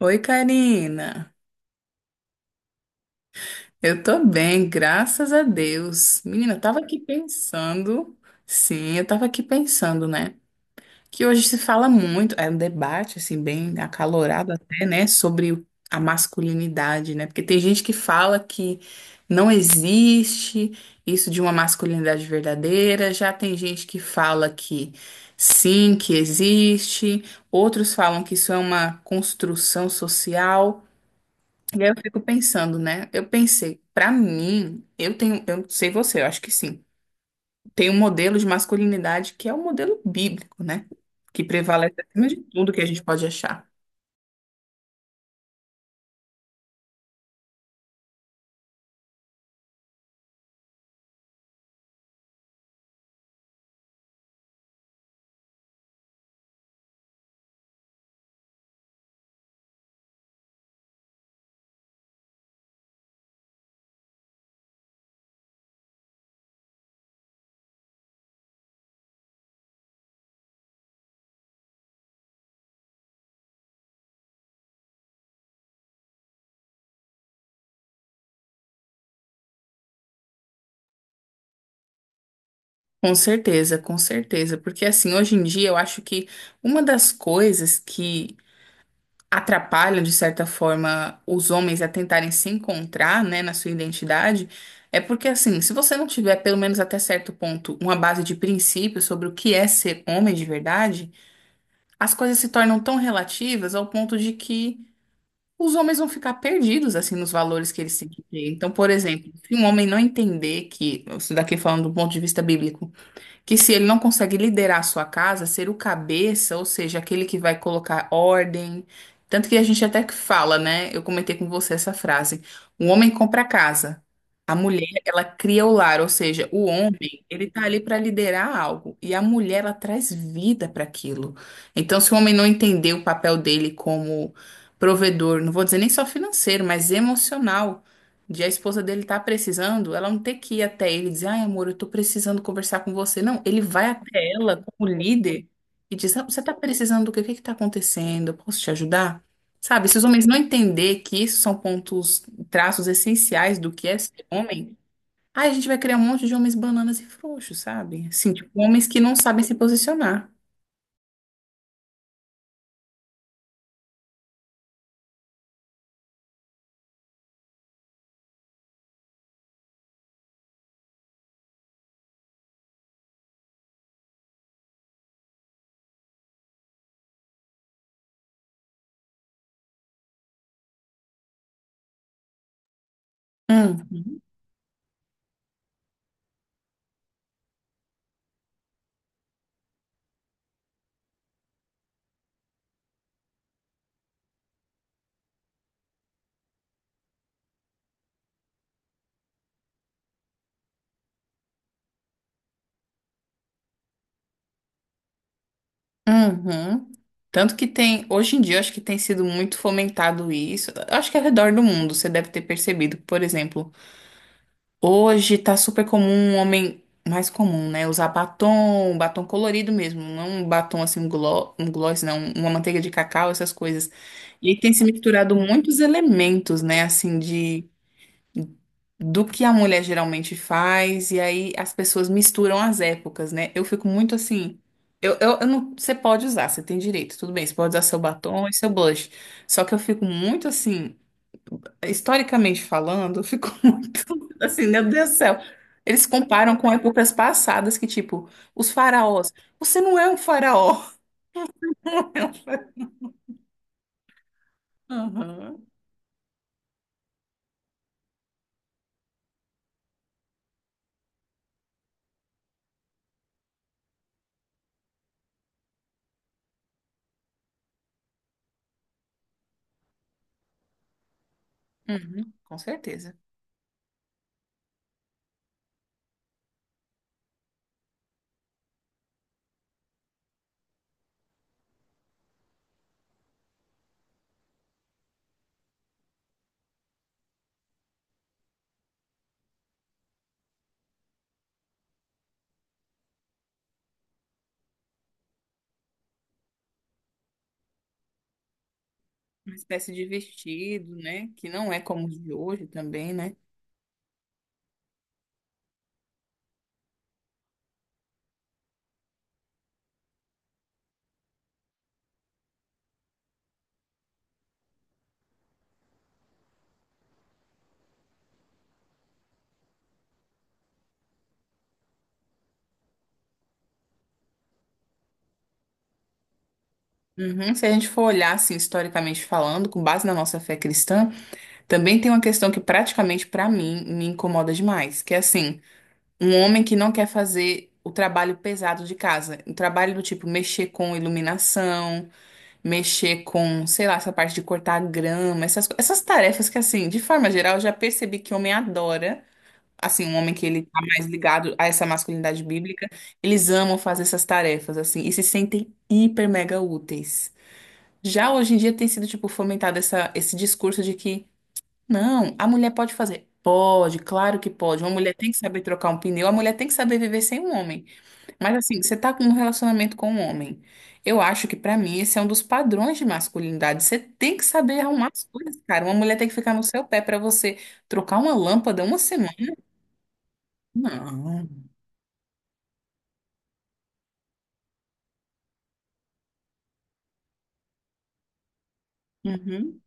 Oi, Karina. Eu tô bem, graças a Deus. Menina, eu tava aqui pensando, sim, eu tava aqui pensando, né? Que hoje se fala muito, é um debate, assim, bem acalorado até, né? Sobre a masculinidade, né? Porque tem gente que fala que não existe isso de uma masculinidade verdadeira, já tem gente que fala que sim, que existe, outros falam que isso é uma construção social. E aí eu fico pensando, né? Eu pensei, pra mim, eu tenho, eu sei você, eu acho que sim. Tem um modelo de masculinidade que é o modelo bíblico, né? Que prevalece acima de tudo que a gente pode achar. Com certeza, com certeza. Porque assim, hoje em dia eu acho que uma das coisas que atrapalham, de certa forma, os homens a tentarem se encontrar, né, na sua identidade, é porque assim, se você não tiver, pelo menos até certo ponto, uma base de princípios sobre o que é ser homem de verdade, as coisas se tornam tão relativas ao ponto de que os homens vão ficar perdidos assim nos valores que eles têm que ter. Então, por exemplo, se um homem não entender que, isso daqui falando do ponto de vista bíblico, que se ele não consegue liderar a sua casa, ser o cabeça, ou seja, aquele que vai colocar ordem. Tanto que a gente até que fala, né? Eu comentei com você essa frase. O homem compra a casa. A mulher, ela cria o lar, ou seja, o homem, ele tá ali para liderar algo e a mulher ela traz vida para aquilo. Então, se o homem não entender o papel dele como provedor, não vou dizer nem só financeiro, mas emocional, de a esposa dele tá precisando, ela não ter que ir até ele e dizer, ai, amor, eu tô precisando conversar com você. Não, ele vai até ela como líder e diz, "Ah, você tá precisando do quê? O que que tá acontecendo? Eu posso te ajudar? Sabe, se os homens não entender que isso são pontos, traços essenciais do que é ser homem, aí a gente vai criar um monte de homens bananas e frouxos, sabe? Assim, tipo, homens que não sabem se posicionar. Hum. Uhum. Tanto que tem, hoje em dia, acho que tem sido muito fomentado isso. Eu acho que ao redor do mundo você deve ter percebido. Por exemplo, hoje tá super comum um homem mais comum, né? Usar batom, batom colorido mesmo, não um batom assim, um gloss, não, uma manteiga de cacau, essas coisas. E aí tem se misturado muitos elementos, né? Assim, de do que a mulher geralmente faz, e aí as pessoas misturam as épocas, né? Eu fico muito assim. Eu não, você pode usar, você tem direito, tudo bem, você pode usar seu batom e seu blush. Só que eu fico muito assim, historicamente falando, eu fico muito assim, meu Deus do céu. Eles comparam com épocas passadas que, tipo, os faraós. Você não é um faraó. Não é um faraó. Aham. Uhum, com certeza. Uma espécie de vestido, né? Que não é como os de hoje também, né? Uhum. Se a gente for olhar, assim, historicamente falando, com base na nossa fé cristã, também tem uma questão que praticamente pra mim me incomoda demais, que é assim, um homem que não quer fazer o trabalho pesado de casa, um trabalho do tipo mexer com iluminação, mexer com, sei lá, essa parte de cortar grama, essas tarefas que, assim, de forma geral, eu já percebi que homem adora, assim, um homem que ele tá mais ligado a essa masculinidade bíblica, eles amam fazer essas tarefas, assim, e se sentem hiper mega úteis. Já hoje em dia tem sido, tipo, fomentado esse discurso de que, não, a mulher pode fazer. Pode, claro que pode. Uma mulher tem que saber trocar um pneu, a mulher tem que saber viver sem um homem. Mas assim, você tá com um relacionamento com um homem. Eu acho que pra mim esse é um dos padrões de masculinidade. Você tem que saber arrumar as coisas, cara. Uma mulher tem que ficar no seu pé pra você trocar uma lâmpada uma semana. Não. Uhum.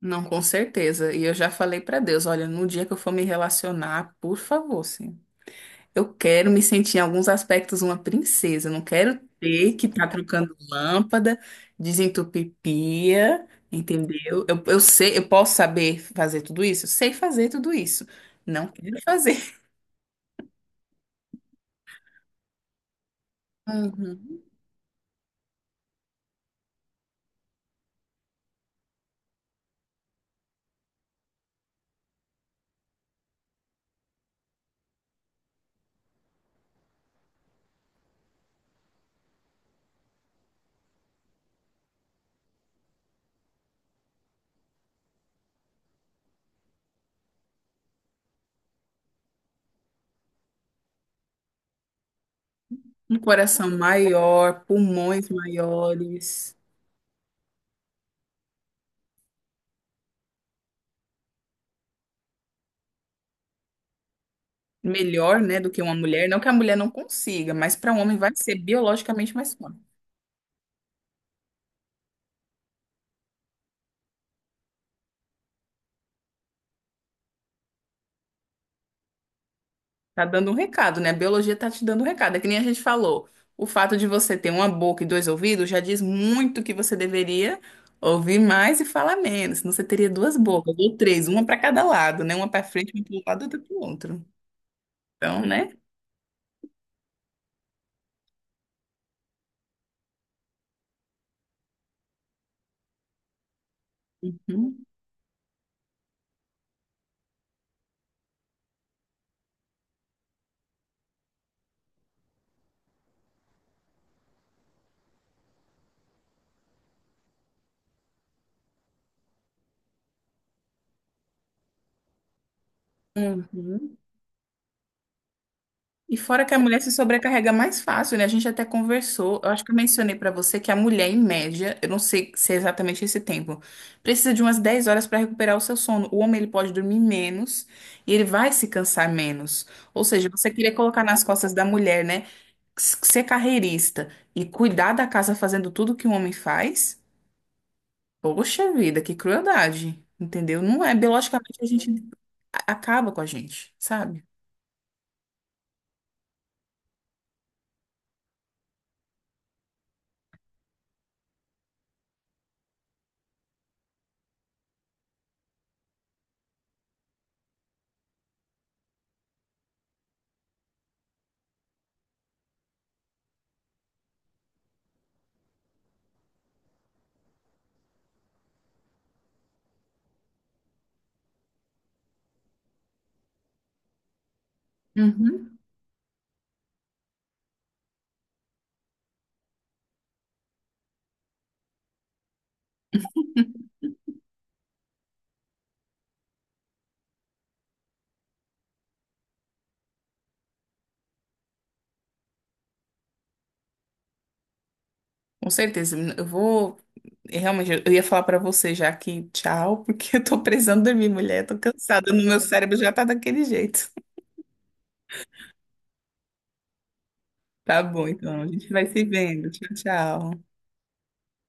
Não, com certeza. E eu já falei pra Deus, olha, no dia que eu for me relacionar, por favor, sim. Eu quero me sentir em alguns aspectos uma princesa. Eu não quero ter que estar trocando lâmpada, desentupir pia, entendeu? Eu sei, eu posso saber fazer tudo isso? Eu sei fazer tudo isso. Não quero fazer. Uhum. Um coração maior, pulmões maiores, melhor, né, do que uma mulher. Não que a mulher não consiga, mas para um homem vai ser biologicamente mais forte. Tá dando um recado, né? A biologia tá te dando um recado. É que nem a gente falou. O fato de você ter uma boca e dois ouvidos já diz muito que você deveria ouvir mais e falar menos. Senão você teria duas bocas, ou três, uma para cada lado, né? Uma para frente, uma para um lado, outra para o outro. Então, né? Uhum. Uhum. E fora que a mulher se sobrecarrega mais fácil, né? A gente até conversou, eu acho que eu mencionei pra você que a mulher, em média, eu não sei se é exatamente esse tempo, precisa de umas 10 horas pra recuperar o seu sono. O homem, ele pode dormir menos e ele vai se cansar menos. Ou seja, você queria colocar nas costas da mulher, né? Ser carreirista e cuidar da casa fazendo tudo que um homem faz? Poxa vida, que crueldade, entendeu? Não é, biologicamente a gente acaba com a gente, sabe? Uhum. Com certeza. Eu vou. Realmente, eu ia falar pra você já que tchau, porque eu tô precisando dormir, mulher. Tô cansada. No meu cérebro já tá daquele jeito. Tá bom, então. A gente vai se vendo. Tchau, tchau.